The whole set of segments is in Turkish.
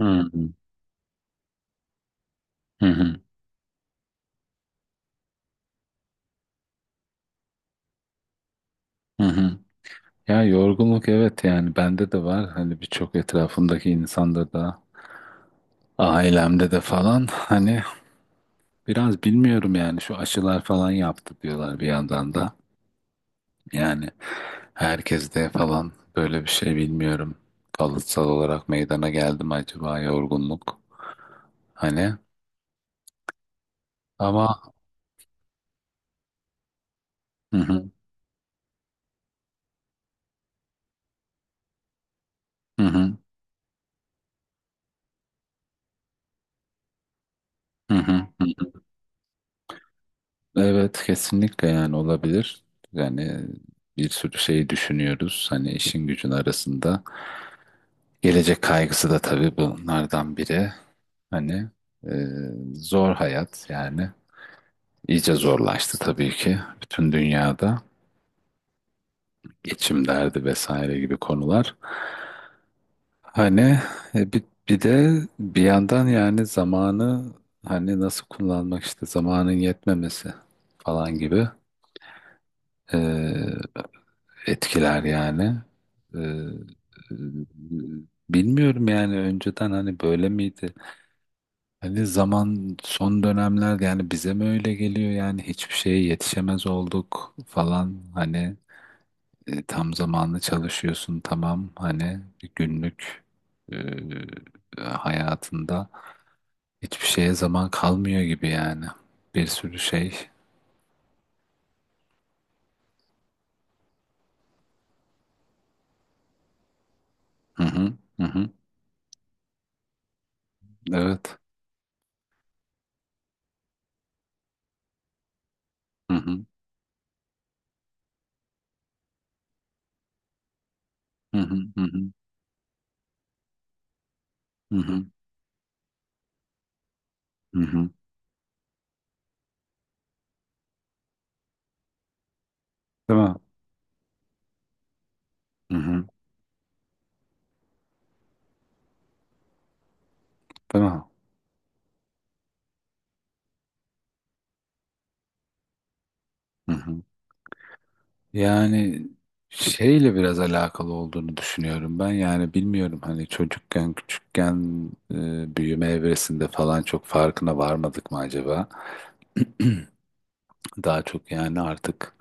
Hı hı hı hı. Hı. Ya yorgunluk, evet, yani bende de var, hani birçok etrafımdaki insanda da, ailemde de falan hani biraz bilmiyorum, yani şu aşılar falan yaptı diyorlar bir yandan da, yani herkeste falan böyle bir şey, bilmiyorum, kalıtsal olarak meydana geldi mi acaba yorgunluk hani ama. Hı hı hı hı hı hı. Evet, kesinlikle, yani olabilir. Yani bir sürü şeyi düşünüyoruz. Hani işin gücün arasında. Gelecek kaygısı da tabii bunlardan biri. Hani e, zor hayat yani. İyice zorlaştı tabii ki bütün dünyada. Geçim derdi vesaire gibi konular. Hani e, bir, bir de bir yandan yani zamanı hani nasıl kullanmak, işte zamanın yetmemesi falan gibi. Etkiler yani. Ee, e, Bilmiyorum, yani önceden hani böyle miydi? Hani zaman son dönemler yani bize mi öyle geliyor, yani hiçbir şeye yetişemez olduk falan, hani tam zamanlı çalışıyorsun, tamam, hani bir günlük e, hayatında hiçbir şeye zaman kalmıyor gibi, yani bir sürü şey. Hı hı hı hı. Evet. Hı hı hı hı hı hı hı hı. Hı hı. Değil mi? Hı hı. Değil mi? Hı hı. Yani şeyle biraz alakalı olduğunu düşünüyorum ben. Yani bilmiyorum, hani çocukken, küçükken büyüme evresinde falan çok farkına varmadık mı acaba? Daha çok yani artık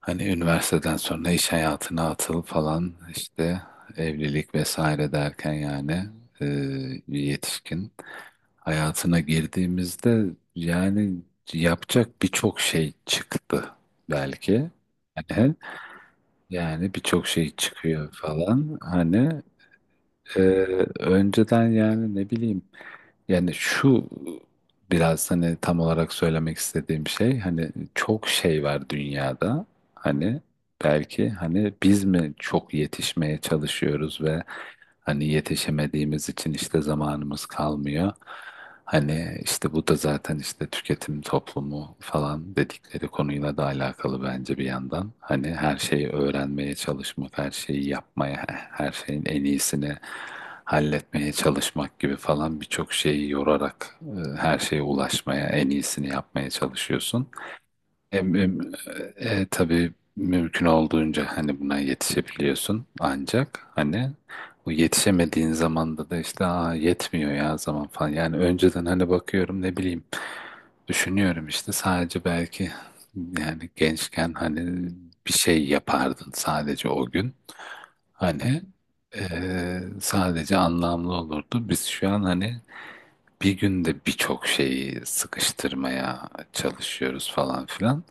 hani üniversiteden sonra iş hayatına atıl falan, işte evlilik vesaire derken yani e, bir yetişkin hayatına girdiğimizde yani yapacak birçok şey çıktı belki. Yani birçok şey çıkıyor falan. Hani e, önceden yani ne bileyim, yani şu biraz hani tam olarak söylemek istediğim şey, hani çok şey var dünyada. Hani belki hani biz mi çok yetişmeye çalışıyoruz ve hani yetişemediğimiz için işte zamanımız kalmıyor. Hani işte bu da zaten işte tüketim toplumu falan dedikleri konuyla da alakalı bence bir yandan. Hani her şeyi öğrenmeye çalışmak, her şeyi yapmaya, her şeyin en iyisini halletmeye çalışmak gibi falan birçok şeyi yorarak her şeye ulaşmaya, en iyisini yapmaya çalışıyorsun. Em, em, tabii mümkün olduğunca hani buna yetişebiliyorsun ancak hani bu yetişemediğin zamanda da işte aa yetmiyor ya zaman falan, yani önceden hani bakıyorum ne bileyim, düşünüyorum işte sadece belki yani gençken hani bir şey yapardın sadece o gün, hani e, sadece anlamlı olurdu, biz şu an hani bir günde birçok şeyi sıkıştırmaya çalışıyoruz falan filan,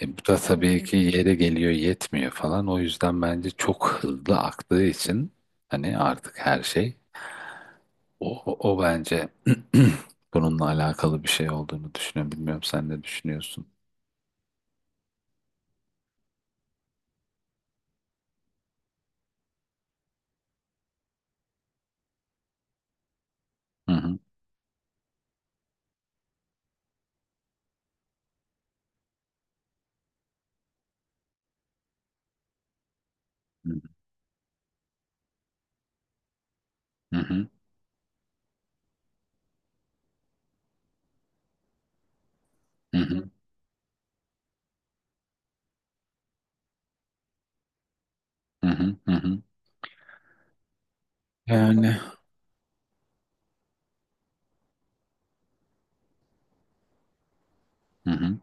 bu da tabii ki yere geliyor, yetmiyor falan. O yüzden bence çok hızlı aktığı için hani artık her şey o bence bununla alakalı bir şey olduğunu düşünüyorum. Bilmiyorum, sen ne düşünüyorsun? Hı hı. Hı hı. Hı hı. Hı hı. Hı hı. Yani hı hı.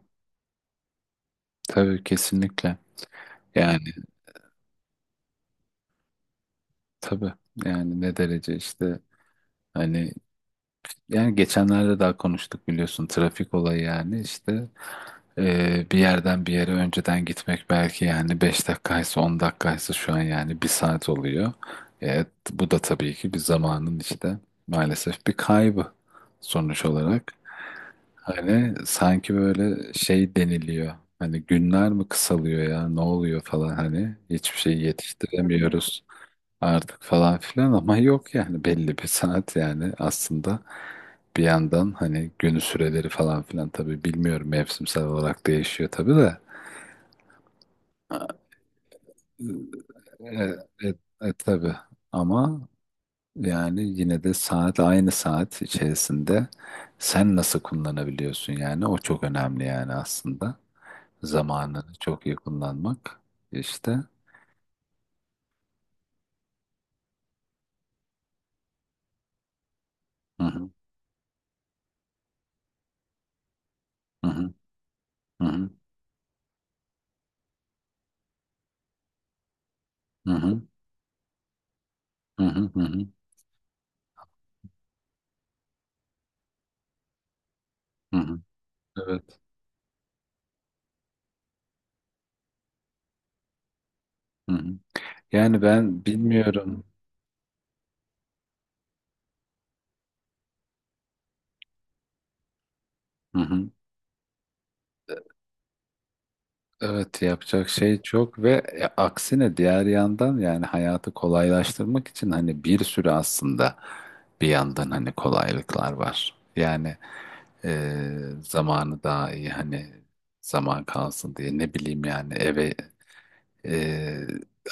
Tabii, kesinlikle. Yani tabii, yani ne derece işte hani, yani geçenlerde daha konuştuk, biliyorsun, trafik olayı yani işte. Bir yerden bir yere önceden gitmek belki yani 5 dakikaysa, 10 dakikaysa şu an yani bir saat oluyor. Evet, bu da tabii ki bir zamanın işte maalesef bir kaybı sonuç olarak. Hani sanki böyle şey deniliyor. Hani günler mi kısalıyor ya ne oluyor falan, hani hiçbir şey yetiştiremiyoruz artık falan filan ama yok, yani belli bir saat, yani aslında bir yandan hani günü süreleri falan filan, tabii bilmiyorum, mevsimsel olarak değişiyor tabii de e, e, tabii ama yani yine de saat, aynı saat içerisinde sen nasıl kullanabiliyorsun, yani o çok önemli, yani aslında zamanını çok iyi kullanmak işte. Hı hı hı hı hı hı hı hı hı hı hı. Hı. Evet. Hı hı. Yani ben bilmiyorum. Hı hı. Evet, yapacak şey çok ve aksine diğer yandan yani hayatı kolaylaştırmak için hani bir sürü aslında bir yandan hani kolaylıklar var. Yani zamanı daha iyi, hani zaman kalsın diye, ne bileyim yani eve e,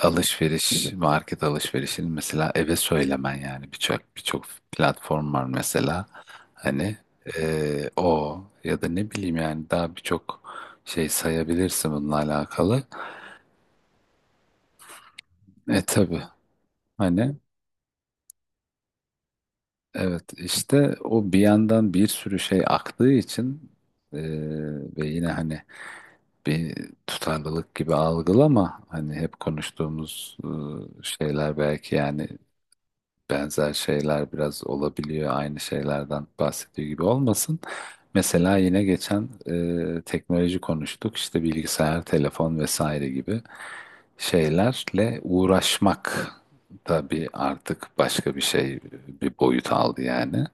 alışveriş, market alışverişini mesela eve söylemen, yani birçok platform var mesela, hani o ya da ne bileyim, yani daha birçok şey sayabilirsin bununla alakalı. E tabii hani evet, işte o bir yandan bir sürü şey aktığı için e, ve yine hani bir tutarlılık gibi algılama, hani hep konuştuğumuz şeyler belki, yani benzer şeyler biraz olabiliyor. Aynı şeylerden bahsediyor gibi olmasın. Mesela yine geçen teknoloji konuştuk. İşte bilgisayar, telefon vesaire gibi şeylerle uğraşmak tabii artık başka bir şey, bir boyut aldı yani.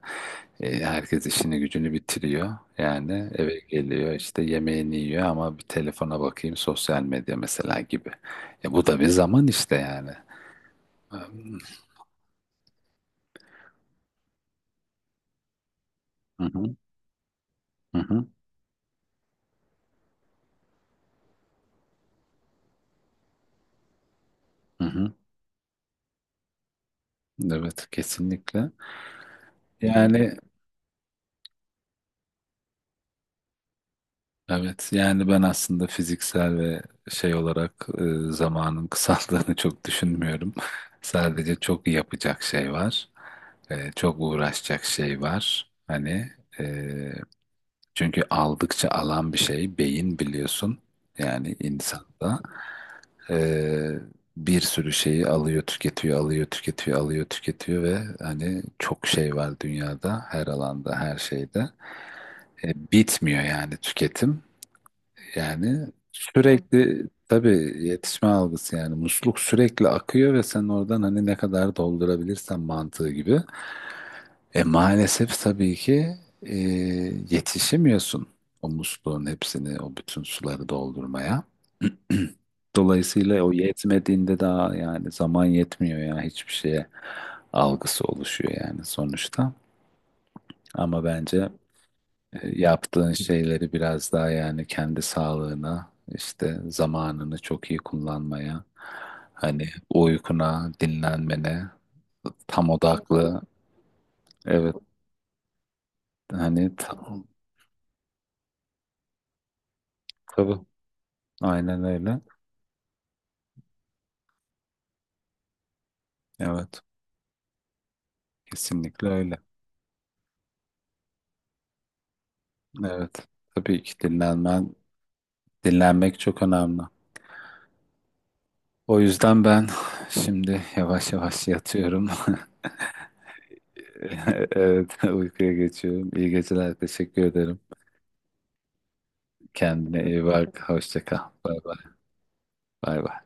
Herkes işini gücünü bitiriyor. Yani eve geliyor işte yemeğini yiyor ama bir telefona bakayım, sosyal medya mesela gibi. Bu da bir zaman işte yani. Hı hı, hı hı, hı hı. Evet, kesinlikle. Yani evet, yani ben aslında fiziksel ve şey olarak zamanın kısaldığını çok düşünmüyorum. Sadece çok yapacak şey var. Çok uğraşacak şey var. Hani e, çünkü aldıkça alan bir şey beyin, biliyorsun. Yani insanda e, bir sürü şeyi alıyor, tüketiyor, alıyor, tüketiyor, alıyor, tüketiyor ve hani çok şey var dünyada, her alanda, her şeyde. Bitmiyor yani tüketim. Yani sürekli tabii yetişme algısı, yani musluk sürekli akıyor ve sen oradan hani ne kadar doldurabilirsen mantığı gibi. Maalesef tabii ki e, yetişemiyorsun o musluğun hepsini, o bütün suları doldurmaya. Dolayısıyla o yetmediğinde daha yani zaman yetmiyor ya hiçbir şeye algısı oluşuyor, yani sonuçta. Ama bence yaptığın şeyleri biraz daha, yani kendi sağlığına, işte zamanını çok iyi kullanmaya, hani uykuna, dinlenmene, tam odaklı. Evet, hani tam, tabii, aynen öyle. Evet, kesinlikle öyle. Evet, tabii ki dinlenmen, dinlenmek çok önemli. O yüzden ben şimdi yavaş yavaş yatıyorum. Evet, uykuya geçiyorum. İyi geceler, teşekkür ederim. Kendine iyi bak, hoşça kal. Bay bay. Bay bay.